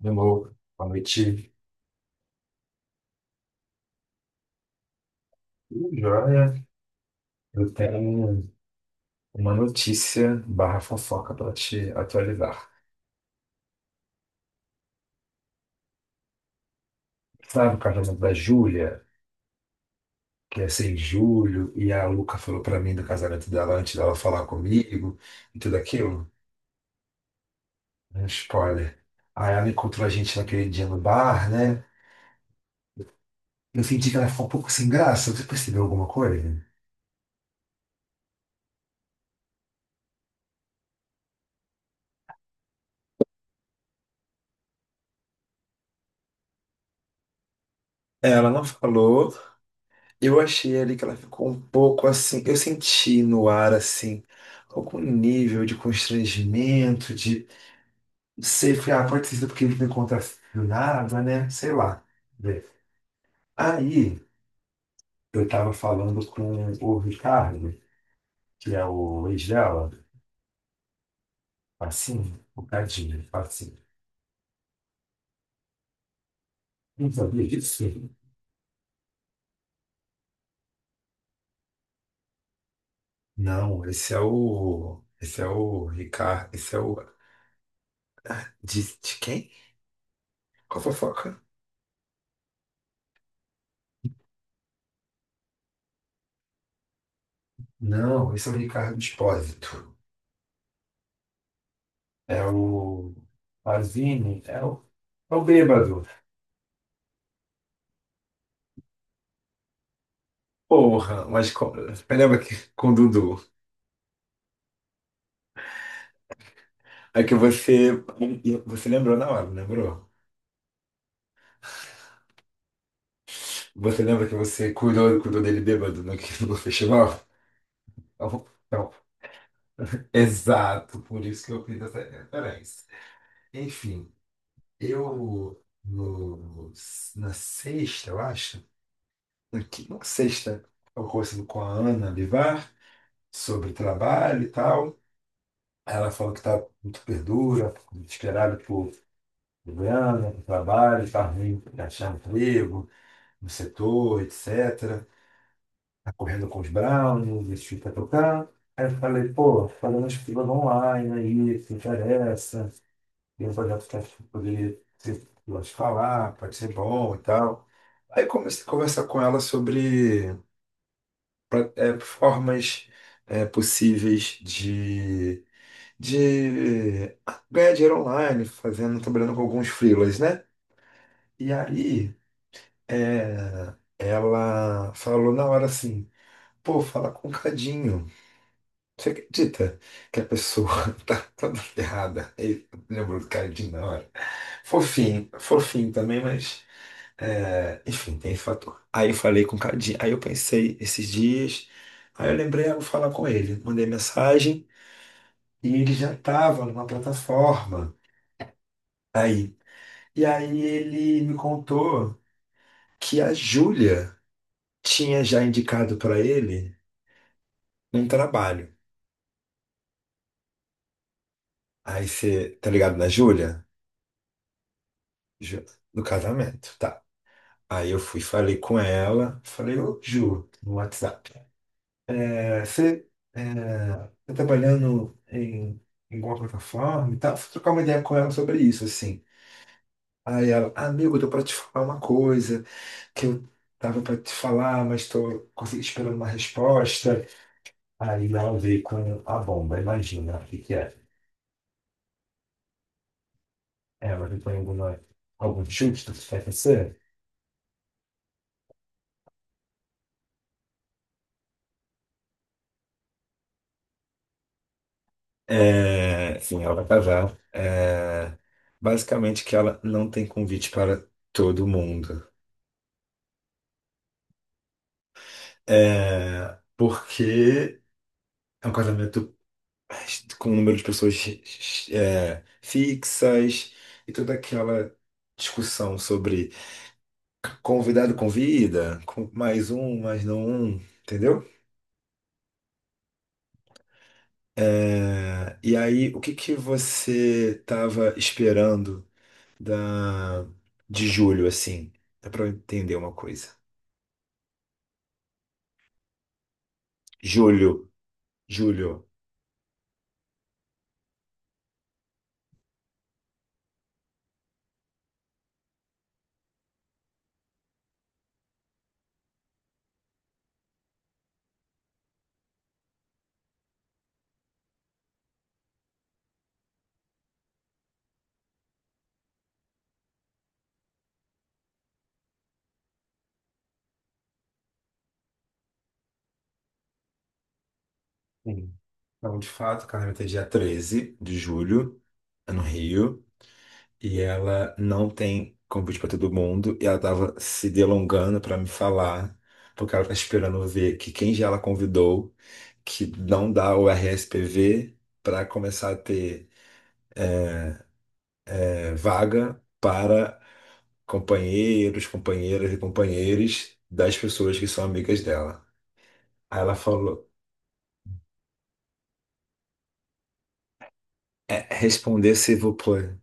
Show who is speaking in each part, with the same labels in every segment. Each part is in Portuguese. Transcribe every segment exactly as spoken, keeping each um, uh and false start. Speaker 1: Demorou. Boa noite. Tudo jóia, eu tenho uma notícia barra fofoca para te atualizar. Sabe o casamento da Júlia, que é seis de julho, e a Luca falou para mim do casamento dela antes dela falar comigo e tudo aquilo? É um spoiler. Aí ela encontrou a gente naquele dia no bar, né? Eu senti que ela ficou um pouco sem graça. Você percebeu alguma coisa? Ela não falou. Eu achei ali que ela ficou um pouco assim. Eu senti no ar assim, algum nível de constrangimento, de. Não sei, foi, ah, pode ter sido porque ele me contracionava, né? Sei lá. Vê. Aí eu tava falando com o Ricardo, que é o ex dela, assim, o Cadinho, assim. Não sabia disso? Não, esse é o. Esse é o Ricardo. Esse é o. De, de quem? Qual fofoca? Não, esse é o Ricardo Espósito. É o Pazini, é o, é o bêbado. Porra, mas co- lembra que com o Dudu? É que você. Você lembrou na hora, não lembrou? Você lembra que você cuidou, cuidou dele bêbado no, no festival? Então, então, exato, por isso que eu fiz essa referência. Enfim, eu no, na sexta, eu acho, na qui- não, sexta, eu conversando com a Ana Bivar sobre trabalho e tal. Aí ela falou que tá muito perdura, desesperada por Goiânia, por trabalho, tá ruim de achar emprego no setor, etcétera. Tá correndo com os Browns, vestido pra tocar. Aí eu falei, pô, fazendo as filas online aí, se interessa, tem um projeto que acho que poderia ser, eu acho, falar, pode ser bom e tal. Aí comecei a conversar com ela sobre pra- é, formas é, possíveis de eh, ganhar dinheiro online, fazendo, trabalhando com alguns freelas, né? E aí, é, ela falou na hora assim, pô, fala com o Cadinho. Você acredita que a pessoa tá toda ferrada? Ele lembrou do Cadinho na hora. Fofinho, fofinho também, mas é, enfim, tem esse fator. Aí eu falei com o Cadinho, aí eu pensei esses dias, aí eu lembrei, eu vou falar com ele. Mandei mensagem e ele já estava numa plataforma. Aí E aí ele me contou que a Júlia tinha já indicado pra ele um trabalho. Aí você, tá ligado na Júlia? Ju- Do casamento, tá. Aí eu fui, falei com ela, falei, ô Ju, no WhatsApp. é, você é, tá trabalhando em, em alguma plataforma e tal? Fui trocar uma ideia com ela sobre isso, assim. Aí ela, amigo, eu tô pra te falar uma coisa que eu tava pra te falar, mas tô consegui- esperando uma resposta. Aí ela veio com a bomba, imagina o que que é. Ela veio com alguma, algum chute do que vai acontecer? É, sim, ela vai casar. É, basicamente que ela não tem convite para todo mundo. É, porque é um casamento com um número de pessoas é, fixas e toda aquela discussão sobre convidado convida, com mais um, mais não um, entendeu? É, e aí, o que que você estava esperando da de julho, assim? É para eu entender uma coisa. Julho, julho. Sim. Então, de fato, o carnaval é dia treze de julho, é no Rio. E ela não tem convite para todo mundo e ela tava se delongando para me falar, porque ela tá esperando ver que quem já ela convidou que não dá o R S P V para começar a ter é, vaga para companheiros, companheiras e companheiros das pessoas que são amigas dela. Aí ela falou, é, responder se vou pôr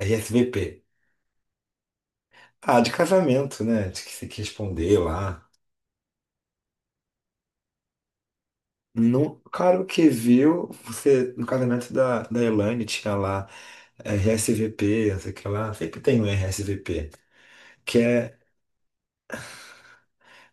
Speaker 1: R S V P. Ah, de casamento, né? Tem que tem que responder lá. No cara, o que viu, você, no casamento da, da Elaine tinha lá R S V P, não sei o que lá, sempre tem um R S V P, que é,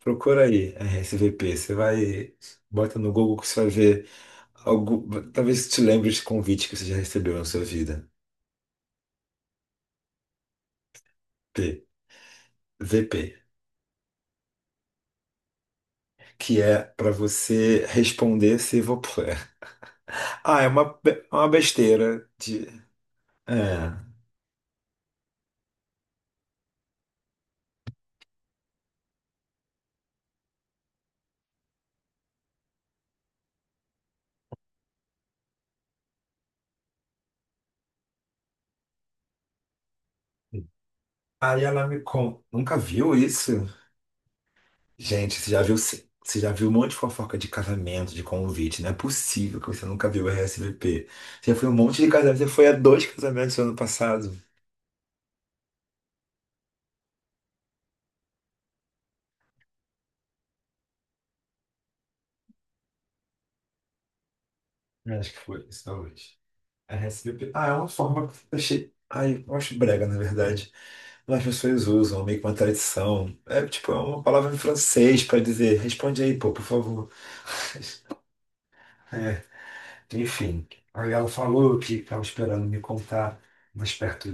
Speaker 1: procura aí, R S V P, você vai, bota no Google que você vai ver, algo, talvez te lembre de convite que você já recebeu na sua vida, P, V P, que é para você responder s'il vous plaît. Ah, é uma, be- é uma besteira de. É. Aí ela me conta, nunca viu isso? Gente, você já viu, você já viu um monte de fofoca de casamento, de convite. Não é possível que você nunca viu o R S V P. Você já foi um monte de casamento, você foi a dois casamentos no ano passado. Eu acho que foi, isso é hoje. R S V P. Ah, é uma forma que eu achei. Ai, eu acho brega, na verdade. Mas as pessoas usam, meio que uma tradição. É tipo, é uma palavra em francês para dizer, responde aí, pô, por favor. É, enfim. Aí ela falou que estava esperando me contar mais perto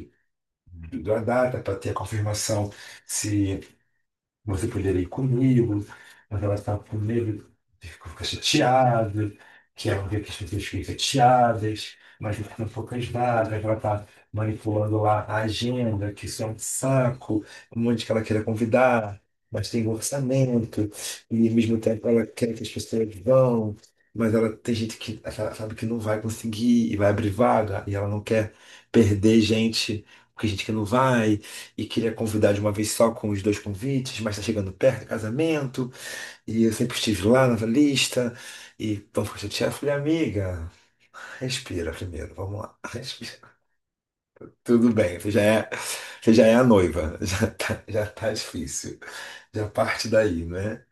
Speaker 1: do- da data para ter a confirmação se você poderia ir comigo, mas ela estava com medo, de ficar chateada, que ela vê que as pessoas ficam chateadas, mas não ficam poucas nada, ela está manipulando lá a agenda, que isso é um saco, um monte que ela queira convidar, mas tem um orçamento, e ao mesmo tempo ela quer que as pessoas vão, mas ela tem gente que ela sabe que não vai conseguir e vai abrir vaga, e ela não quer perder gente, porque gente que não vai e queria convidar de uma vez só com os dois convites, mas está chegando perto do casamento, e eu sempre estive lá na lista, e vamos ficar chateado. Eu falei, amiga, respira primeiro, vamos lá, respira. Tudo bem, você já é, você já é a noiva, já tá, já tá difícil, já parte daí, né?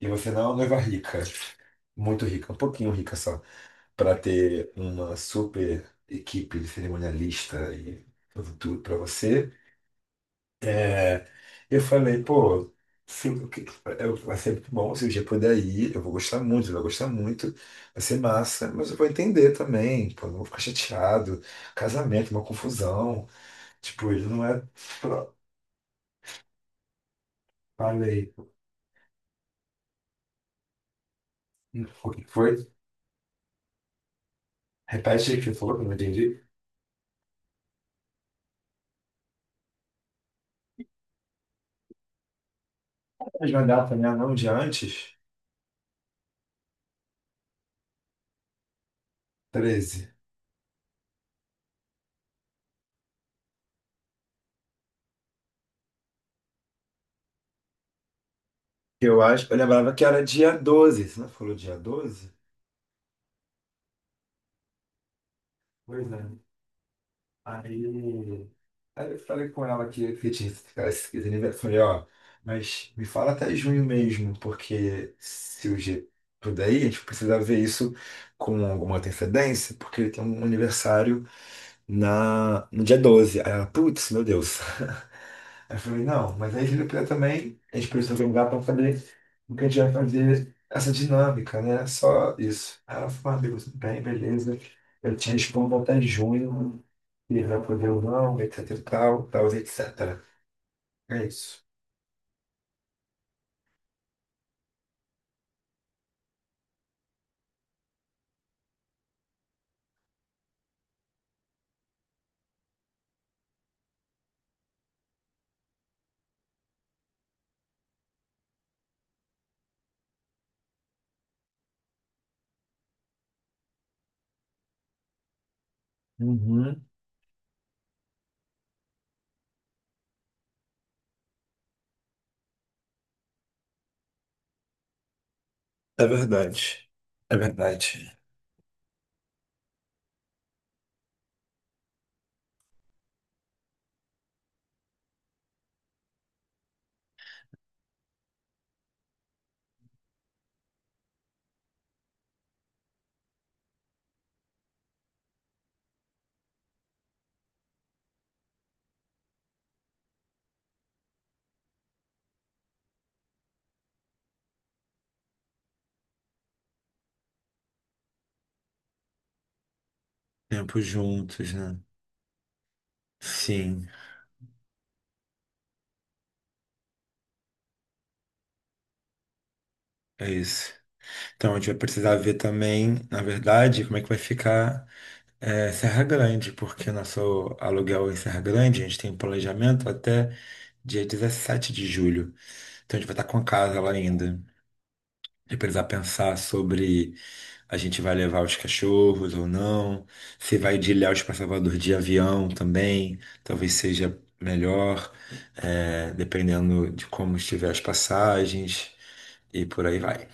Speaker 1: E você não é uma noiva rica, muito rica, um pouquinho rica só, para ter uma super equipe de cerimonialista e tudo, tudo para você. É, eu falei, pô, se, o que- eu- vai ser muito bom se o dia puder ir, eu vou gostar muito, ele vai gostar muito, vai ser massa, mas eu vou entender também, pô, não vou ficar chateado, casamento, uma confusão, tipo, ele não é. Falei, o que foi? Repete aí o que você falou, que eu não entendi. Mas uma data, né? Não, de antes? Treze. Eu acho, eu lembrava que era dia doze. Você não falou dia doze? Pois é. Aí, aí eu falei com ela que, que tinha esse cara, esse aniversário. Eu falei, ó, mas me fala até junho mesmo, porque se o G puder ir, a gente precisa ver isso com alguma antecedência, porque ele tem um aniversário na, no dia doze. Aí ela, putz, meu Deus. Aí eu falei, não, mas aí se ele puder também, a gente precisa organizar para fazer o que a gente vai fazer, essa dinâmica, né? Só isso. Aí ela falou, ah, amigo, tudo bem, beleza. Eu te respondo até junho, Irã pro não etc e tal, tal, etcétera. É isso. Uhum. É verdade. É verdade. Tempo juntos, né? Sim, é isso. Então a gente vai precisar ver também, na verdade, como é que vai ficar é, Serra Grande, porque nosso aluguel em Serra Grande, a gente tem um planejamento até dia dezessete de julho. Então a gente vai estar com a casa lá ainda. De precisar pensar sobre a gente vai levar os cachorros ou não, se vai de Ilhéus para Salvador de avião também, talvez seja melhor, é, dependendo de como estiver as passagens e por aí vai.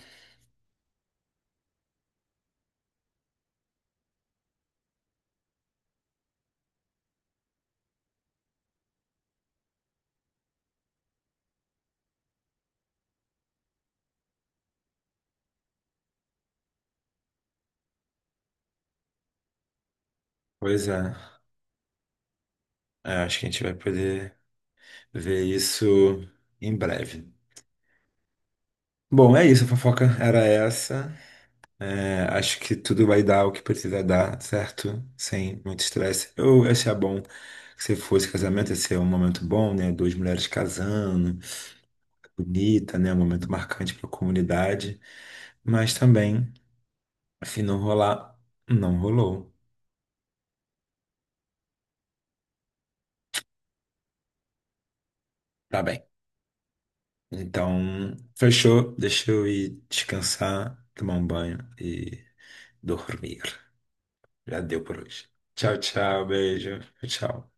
Speaker 1: Pois é, é, acho que a gente vai poder ver isso em breve. Bom, é isso, a fofoca era essa. É, acho que tudo vai dar o que precisa dar, certo? Sem muito estresse. Eu achei bom que você fosse casamento, esse é um momento bom, né? Duas mulheres casando, bonita, né? Um momento marcante para a comunidade. Mas também, se não rolar, não rolou. Tá bem. Então, fechou. Deixa eu ir descansar, tomar um banho e dormir. Já deu por hoje. Tchau, tchau. Beijo. Tchau.